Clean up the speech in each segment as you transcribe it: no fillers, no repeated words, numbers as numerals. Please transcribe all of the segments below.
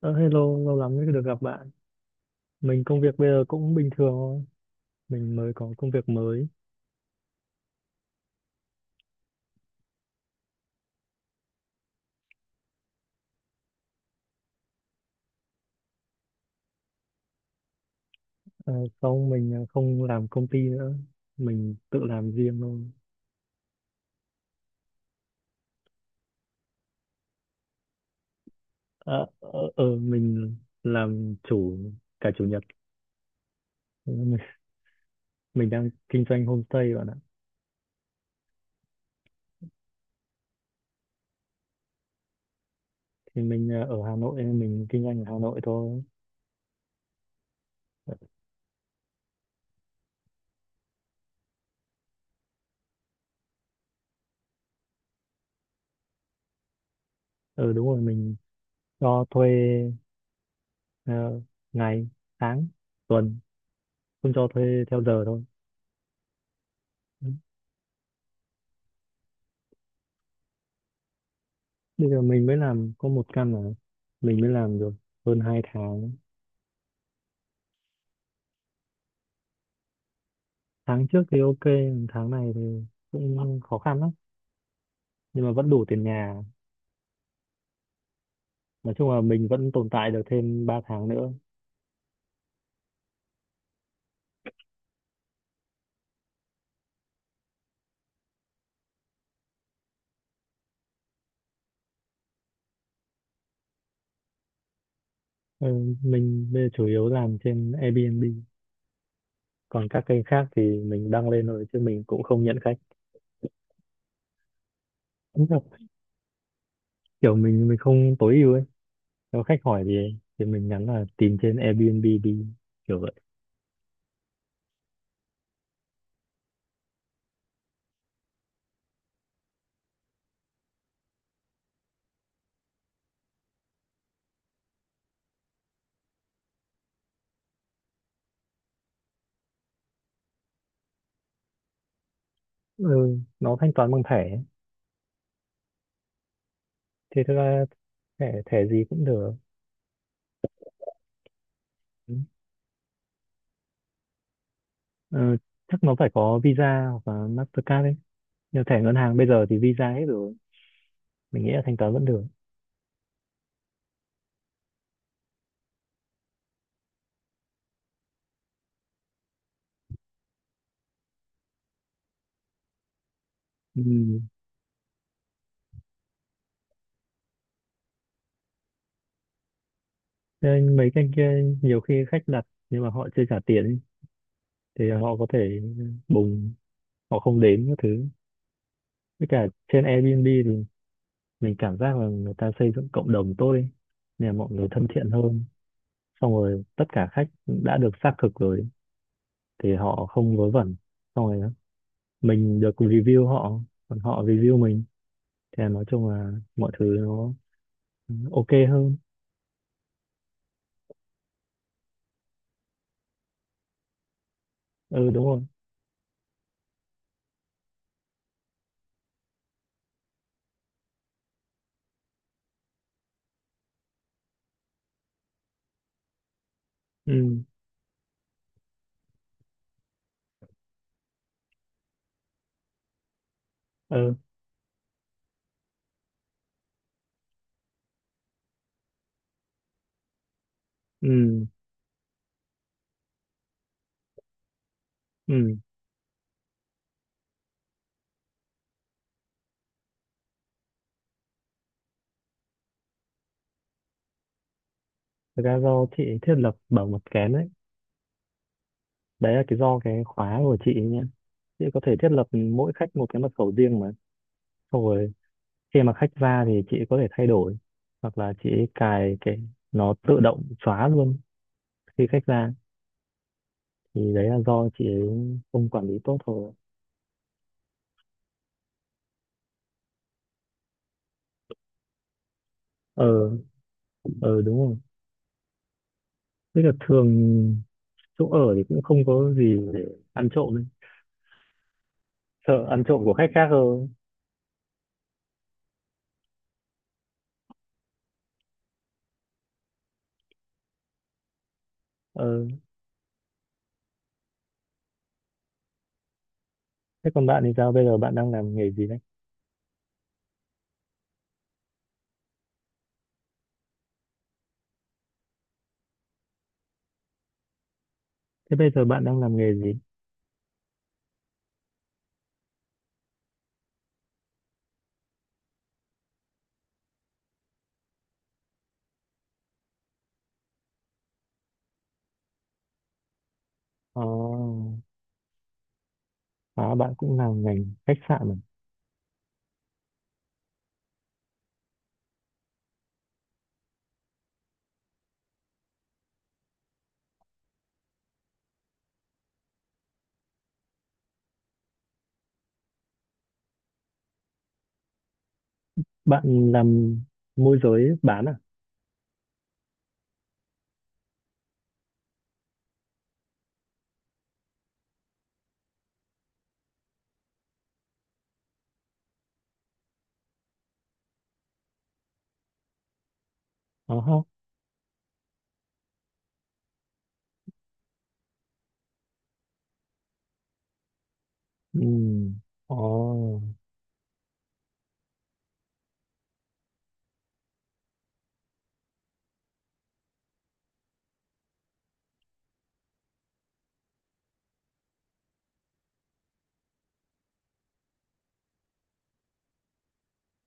Ờ, Hello, lâu lắm mới được gặp bạn. Mình công việc bây giờ cũng bình thường thôi. Mình mới có công việc mới. Ờ, Sau mình không làm công ty nữa. Mình tự làm riêng thôi. Ờ, mình làm chủ cả chủ nhật. Ừ, mình đang kinh doanh homestay bạn ạ. Thì mình ở Hà Nội, nên mình kinh doanh ở Hà Nội thôi. Ừ, đúng rồi, mình cho thuê ờ, ngày, tháng, tuần. Không cho thuê theo giờ thôi. Bây giờ mình mới làm có một căn mà mình mới làm được hơn 2 tháng. Tháng trước thì ok, tháng này thì cũng khó khăn lắm, nhưng mà vẫn đủ tiền nhà. Nói chung là mình vẫn tồn tại được thêm 3 tháng nữa. Ừ, mình bây giờ chủ yếu làm trên Airbnb, còn các kênh khác thì mình đăng lên rồi chứ mình cũng không nhận khách. Đúng rồi. Kiểu mình không tối ưu ấy. Nếu khách hỏi gì ấy, thì mình nhắn là tìm trên Airbnb đi, kiểu vậy. Ừ, nó thanh toán bằng thẻ ấy. Thì thực ra thẻ thẻ gì cũng được. Ờ, Chắc nó phải có Visa hoặc là Mastercard ấy. Như thẻ ngân hàng bây giờ thì Visa hết rồi. Mình nghĩ là thanh toán vẫn được. Ừ. Nên mấy cái kia, nhiều khi khách đặt nhưng mà họ chưa trả tiền ấy. Thì họ có thể bùng, họ không đến các thứ. Với cả trên Airbnb thì mình cảm giác là người ta xây dựng cộng đồng tốt ấy. Nên là mọi người thân thiện hơn. Xong rồi tất cả khách đã được xác thực rồi thì họ không vớ vẩn. Xong rồi mình được review họ, còn họ review mình. Thì nói chung là mọi thứ nó, ừ, ok hơn. Ừ, đúng rồi. Ừ, ừ, ừ, ừ, thực ra do chị thiết lập bảo mật kén đấy. Đấy là cái do cái khóa của chị nhé, chị có thể thiết lập mỗi khách một cái mật khẩu riêng mà, xong rồi khi mà khách ra thì chị có thể thay đổi, hoặc là chị ấy cài cái nó tự động xóa luôn khi khách ra. Thì đấy là do chị ấy không quản lý tốt thôi. ờ ờ Đúng rồi, tức là thường chỗ ở thì cũng không có gì để ăn trộm ấy. Sợ ăn trộm của khách khác hơn. Thế còn bạn thì sao? Bây giờ bạn đang làm nghề gì đấy? Thế bây giờ bạn đang làm nghề gì? Ờ, À, bạn cũng làm ngành khách sạn à? Bạn làm môi giới bán à? Ờ ha. Ừ. Ờ.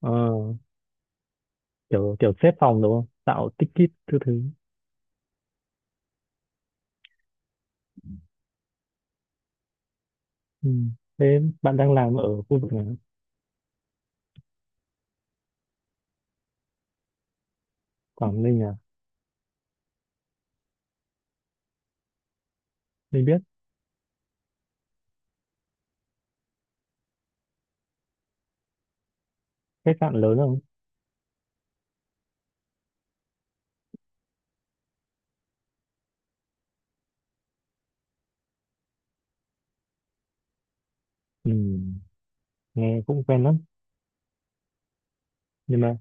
Ờ. Kiểu xếp phòng đúng không? Tạo ticket thứ thứ. Ừ. Thế bạn đang làm ở khu vực nào? Quảng Ninh à? Mình biết. Khách sạn lớn không? Ừ. Nghe cũng quen lắm. Nhưng mà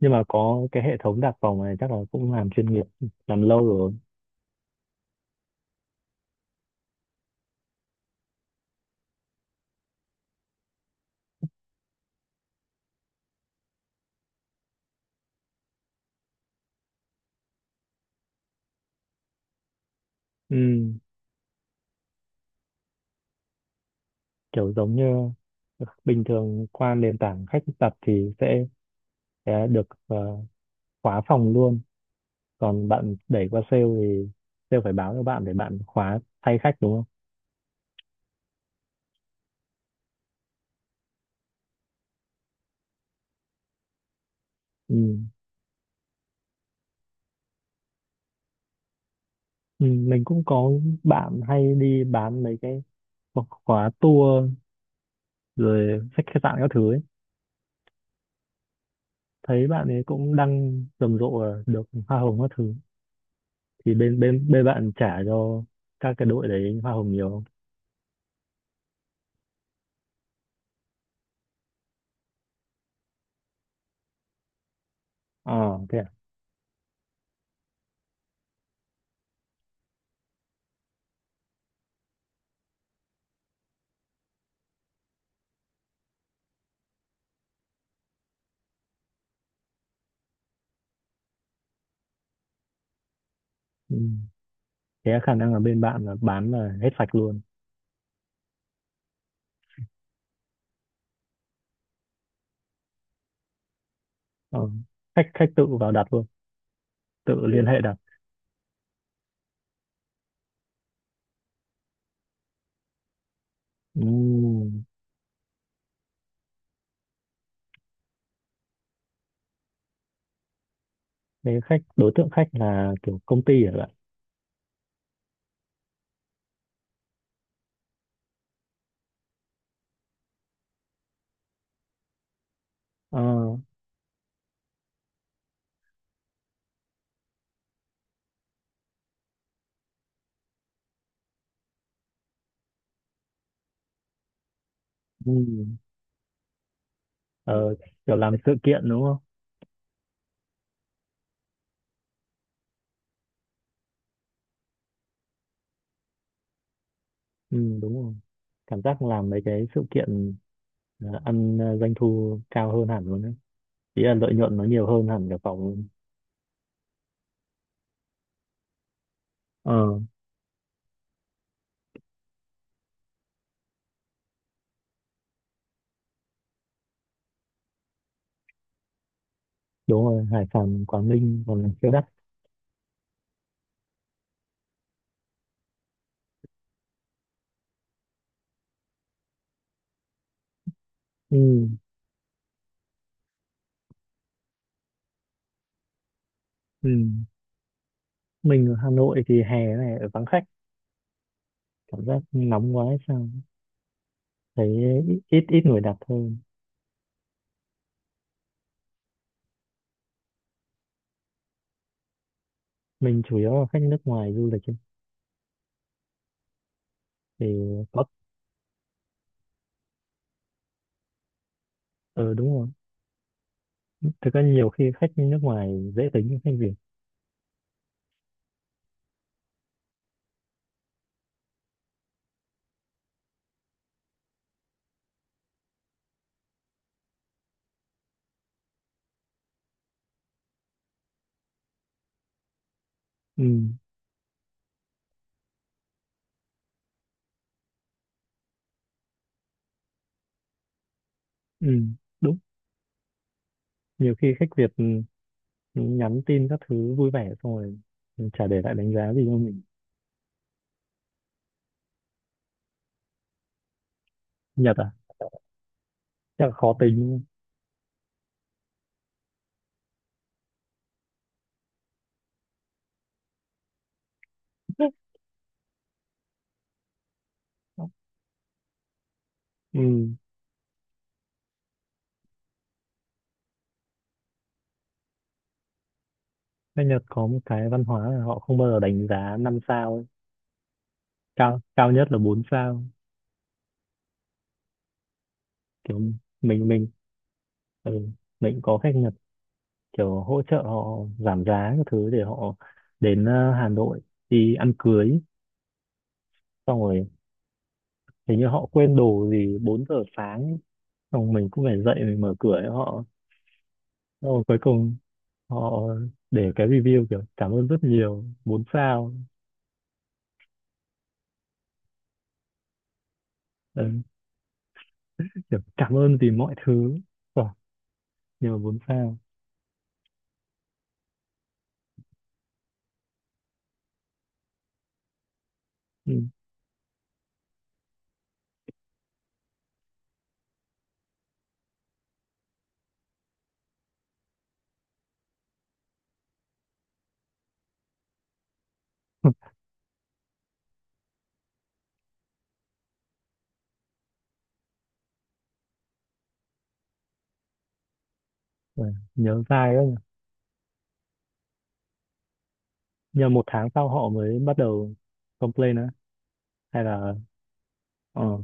nhưng mà có cái hệ thống đặt phòng này chắc là cũng làm chuyên nghiệp, làm lâu rồi. Ừ. Kiểu giống như bình thường qua nền tảng khách tập thì sẽ được khóa phòng luôn, còn bạn đẩy qua sale thì sale phải báo cho bạn để bạn khóa thay khách đúng không? Ừ. Ừ, mình cũng có bạn hay đi bán mấy cái khóa khóa tour rồi khách khách sạn các thứ ấy. Thấy bạn ấy cũng đăng rầm rộ là được hoa hồng các thứ, thì bên bên bên bạn trả cho các cái đội đấy hoa hồng nhiều không? Ờ Thế à? Ừ. Thế khả năng là bên bạn là bán là hết sạch luôn. Ờ, khách khách tự vào đặt luôn, tự liên, ừ, hệ đặt. Ừm, Thế khách đối tượng khách là kiểu công ty hả bạn? ờ ừm, ờ, Kiểu làm sự kiện đúng không? Ừ, đúng rồi. Cảm giác làm mấy cái sự kiện ăn doanh thu cao hơn hẳn luôn đấy, ý là lợi nhuận nó nhiều hơn hẳn cả phòng luôn. ờ Đúng rồi, Hải Phòng Quảng Ninh còn là siêu đắt. Ừ, ừ. Mình ở Hà Nội thì hè này ở vắng khách, cảm giác nóng quá hay sao, thấy ít ít ít người đặt thôi. Mình chủ yếu là khách nước ngoài du lịch ấy. Thì có. Ờ Đúng rồi, thực ra nhiều khi khách nước ngoài dễ tính hơn khách Việt. Ừ, ừ, đúng. Nhiều khi khách Việt ừ, nhắn tin các thứ vui vẻ xong rồi ừ, chả để lại đánh giá gì cho mình. Nhật à? Chắc là khó tính. Ừ, khách Nhật có một cái văn hóa là họ không bao giờ đánh giá 5 sao ấy. Cao cao nhất là 4 sao, kiểu mình, ừ. Mình có khách, kiểu hỗ trợ họ giảm giá các thứ để họ đến Hà Nội đi ăn cưới. Xong rồi hình như họ quên đồ gì 4 giờ sáng ấy. Xong mình cũng phải dậy mình mở cửa cho họ. Xong rồi cuối cùng họ để cái review kiểu cảm ơn rất nhiều, 4 sao. Ừ, kiểu cảm ơn vì mọi thứ. Rồi, nhưng mà 4 sao. Ừ. Rồi, nhớ dai đó nhỉ. Nhờ một tháng sau họ mới bắt đầu complain á, hay là ờ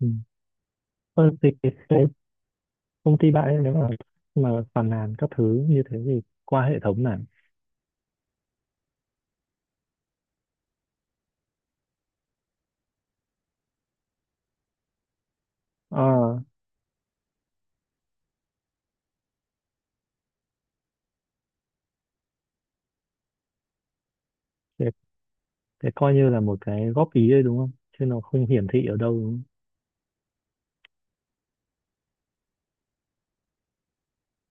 ừ. Ờ, thì công ty bạn ấy, nếu mà phàn nàn các thứ như thế thì qua hệ thống này. ờ thế, thế coi như là một cái góp ý đấy đúng không, chứ nó không hiển thị ở đâu đúng không?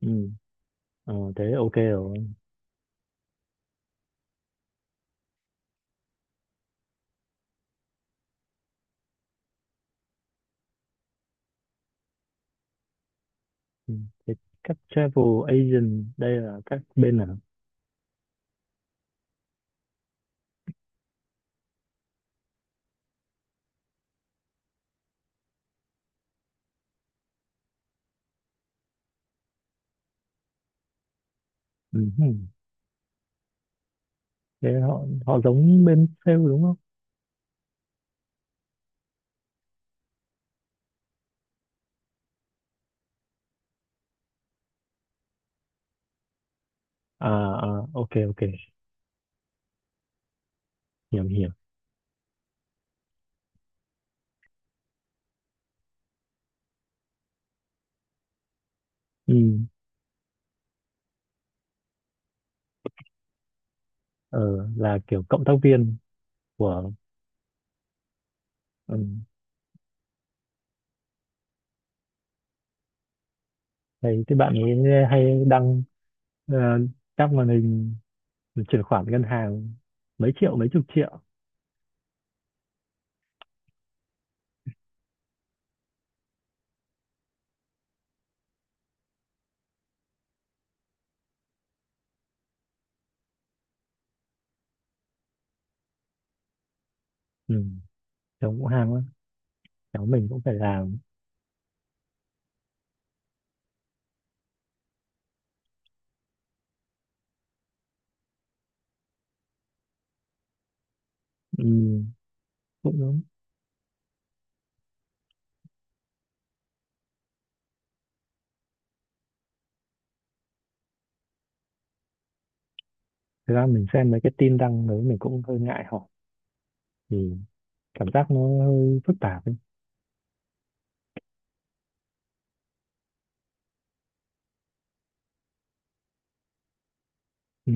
Ừ. Thế ok rồi. Ừ. Thế các travel agent đây là các bên nào? Ừ. Hừ. Thế họ họ giống bên sale đúng không? À, à ok ok, hiểu hiểu. Ừ. ờ, là kiểu cộng tác viên của. Ừ. Thấy cái bạn ấy hay đăng ờ, các màn hình mình chuyển khoản ngân hàng mấy triệu mấy chục triệu. Ừ. Cháu cũng ham lắm, cháu mình cũng phải làm. Ừ. Cũng đúng. Thực ra mình xem mấy cái tin đăng đấy mình cũng hơi ngại hỏi, thì cảm giác nó hơi phức tạp ấy. Ừ.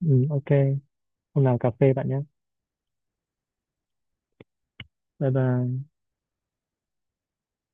Ừ, ok, hôm nào cà phê bạn nhé. Bye bye.